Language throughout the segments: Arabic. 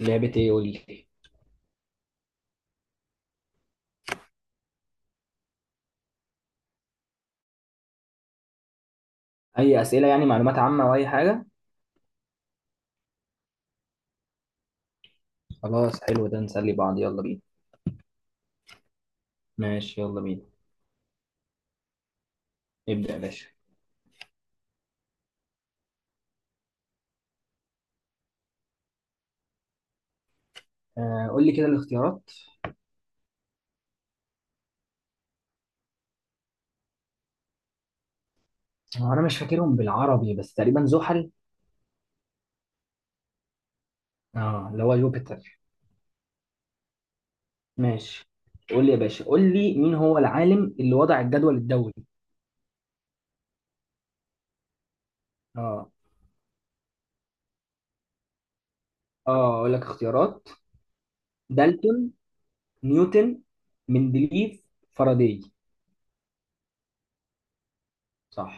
لعبة ايه؟ قول لي. اي اسئلة، يعني معلومات عامة او اي حاجة؟ خلاص، حلو ده، نسلي بعض. يلا بينا. ماشي يلا بينا. ابدأ يا باشا. آه، قول لي كده الاختيارات. هو انا مش فاكرهم بالعربي، بس تقريبا زحل. اه، اللي هو جوبيتر. ماشي. قول لي يا باشا، قول لي مين هو العالم اللي وضع الجدول الدوري. اه اه، اقول لك اختيارات: دالتون، نيوتن، مندليف، فاراداي. صح.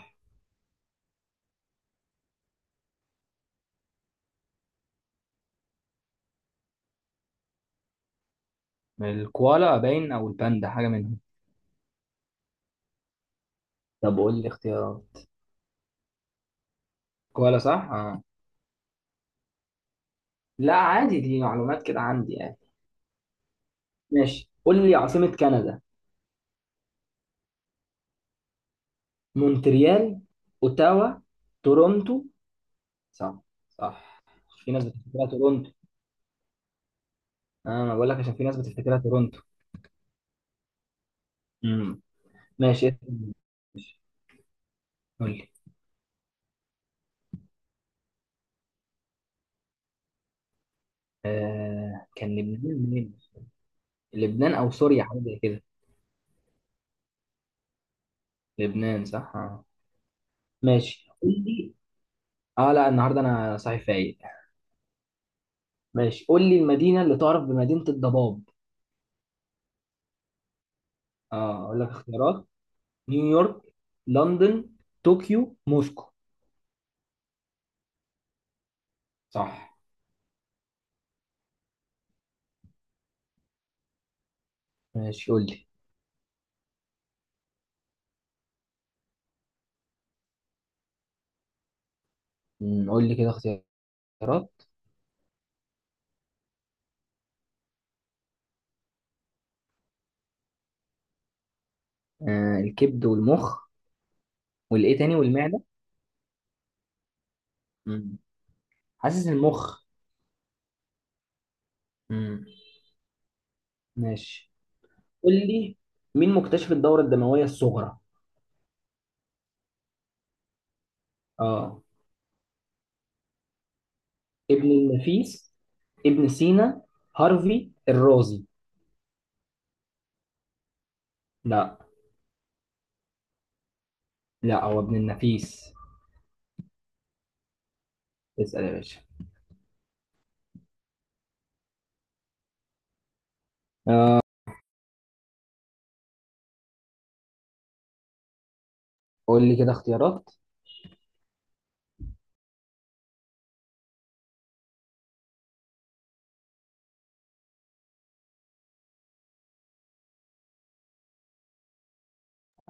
الكوالا باين، او الباندا، حاجة منهم. طب قول لي اختيارات. كوالا، صح؟ اه، لا عادي، دي معلومات كده عندي يعني. ماشي، قول لي عاصمة كندا. مونتريال، اوتاوا، تورونتو. صح. صح. في ناس بتفتكرها تورونتو. اه انا بقول لك عشان في ناس بتفتكرها تورونتو. امم. ماشي، إيه تاني؟ قول لي. آه، كان لبنان منين؟ لبنان او سوريا، حاجه زي كده. لبنان، صح آه. ماشي قول لي. اه لا، النهارده انا صحيح فايق. ماشي قول لي المدينه اللي تعرف بمدينه الضباب. اه اقول لك اختيارات: نيويورك، لندن، طوكيو، موسكو. صح. ماشي قول لي. أمم، قول لي كده اختيارات. آه الكبد والمخ، والايه تاني، والمعدة؟ أمم، حاسس المخ. أمم، ماشي. قول لي مين مكتشف الدورة الدموية الصغرى. اه. ابن النفيس، ابن سينا، هارفي، الرازي. لا. لا هو ابن النفيس. اسأل يا باشا. قول لي كده اختيارات.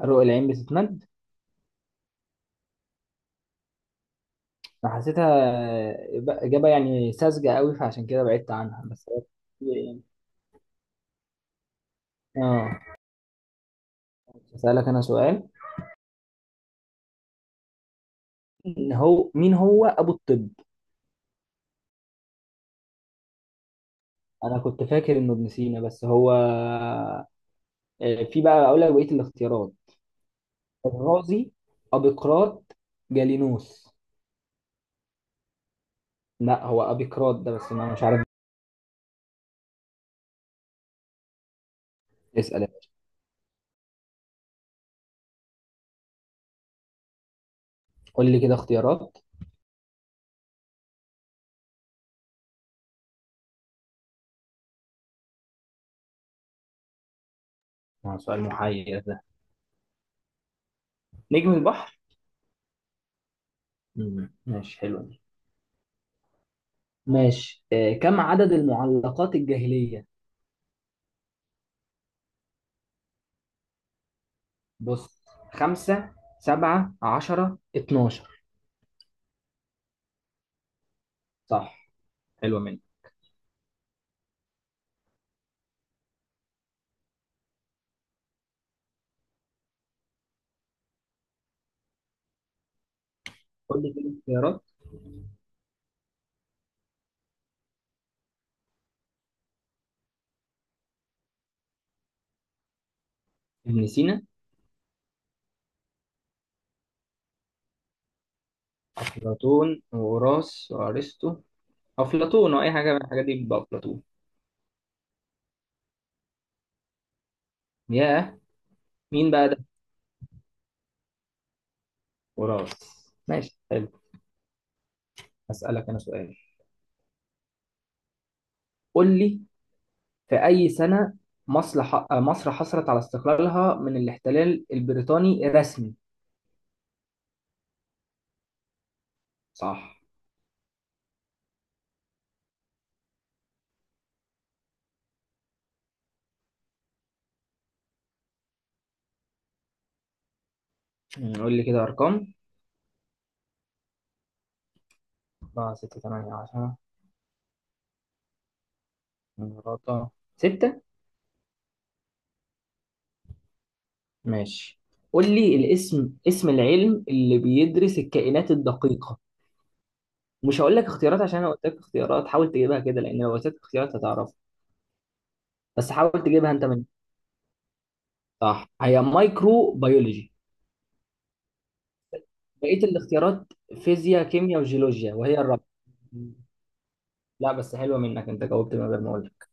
رؤى العين بتتمد. أنا حسيتها إجابة يعني ساذجة قوي، فعشان كده بعدت عنها. بس هي- اه هسألك أنا سؤال. إن هو مين هو ابو الطب؟ انا كنت فاكر انه ابن سينا، بس هو آه، في بقى اقول لك بقيه الاختيارات: الرازي، ابيقراط، جالينوس. لا هو ابيقراط ده، بس انا مش عارف. اسال. قول لي كده اختيارات. آه، سؤال محير ده. نجم البحر. مم، ماشي حلو دي. ماشي، آه، كم عدد المعلقات الجاهليه؟ بص، خمسة، سبعة، عشرة، اتناشر. صح. حلوة منك. قول لي كده اختيارات. ابن سينا. أفلاطون وهوراس وأرسطو. أفلاطون، أو أي حاجة من الحاجات دي، بيبقى أفلاطون. ياه، مين بقى ده؟ هوراس. ماشي حلو. هسألك أنا سؤال. قول لي. في أي سنة مصر مصر حصلت على استقلالها من الاحتلال البريطاني رسمي؟ صح. مم، قول لي كده أرقام. 4 6 8 10 مرات. 6. ماشي. قول لي الاسم، اسم العلم اللي بيدرس الكائنات الدقيقة. مش هقول لك اختيارات عشان انا قلت لك اختيارات، حاول تجيبها كده، لان لو قلت لك اختيارات هتعرف. بس حاول تجيبها انت من. صح، هي مايكرو بيولوجي. بقيه الاختيارات: فيزياء، كيمياء، وجيولوجيا، وهي الرابعه. لا بس حلوه منك، انت جاوبت من غير ما اقول لك.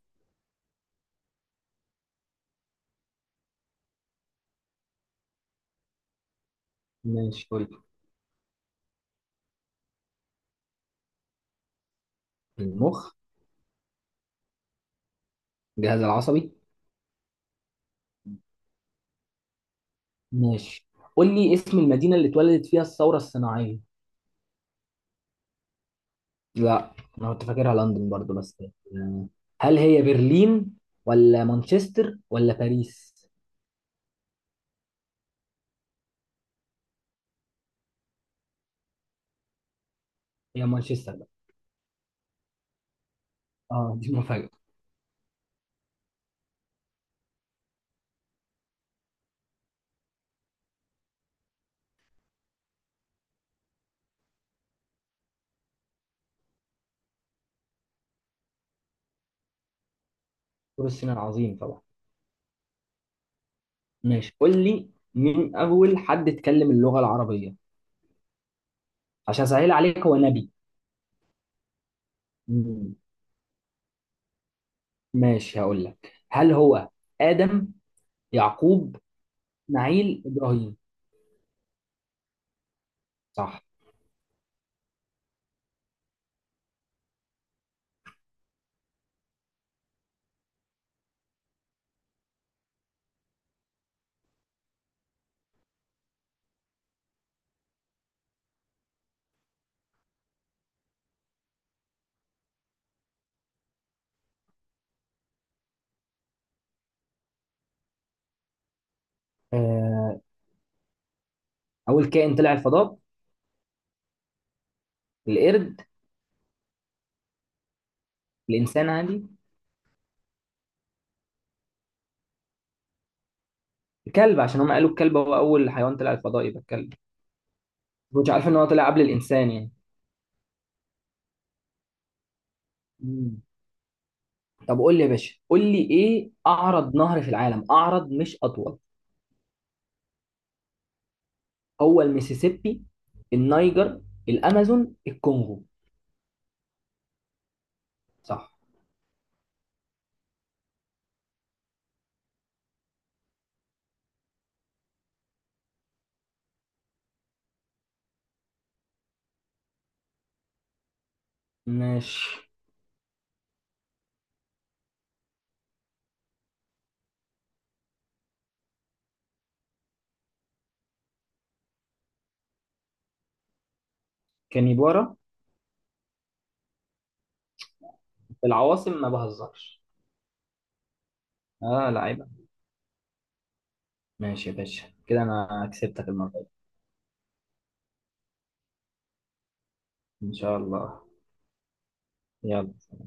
ماشي قول لي. المخ. الجهاز العصبي. ماشي قول لي اسم المدينه اللي اتولدت فيها الثوره الصناعيه. لا. انا كنت فاكرها لندن برضو، بس هل هي برلين ولا مانشستر ولا باريس؟ هي مانشستر بقى. اه دي مفاجأة. دكتور الصيني العظيم طبعا. ماشي قول لي مين اول حد اتكلم اللغه العربيه؟ عشان اسهل عليك، هو نبي. مم. ماشي هقول لك، هل هو ادم، يعقوب، اسماعيل، ابراهيم؟ صح. آه، اول كائن طلع الفضاء. القرد. الانسان عادي. الكلب، عشان هم قالوا الكلب هو اول حيوان طلع الفضاء، يبقى الكلب. كنتش عارف ان هو طلع قبل الانسان يعني. مم. طب قول لي يا باشا، قول لي ايه اعرض نهر في العالم، اعرض مش اطول؟ هو الميسيسيبي، النيجر، الامازون، الكونغو. صح. ماشي. كانيبارا. في العواصم ما بهزرش. اه لعيبه. ماشي يا باشا، كده انا كسبتك المره دي. ان شاء الله. يلا.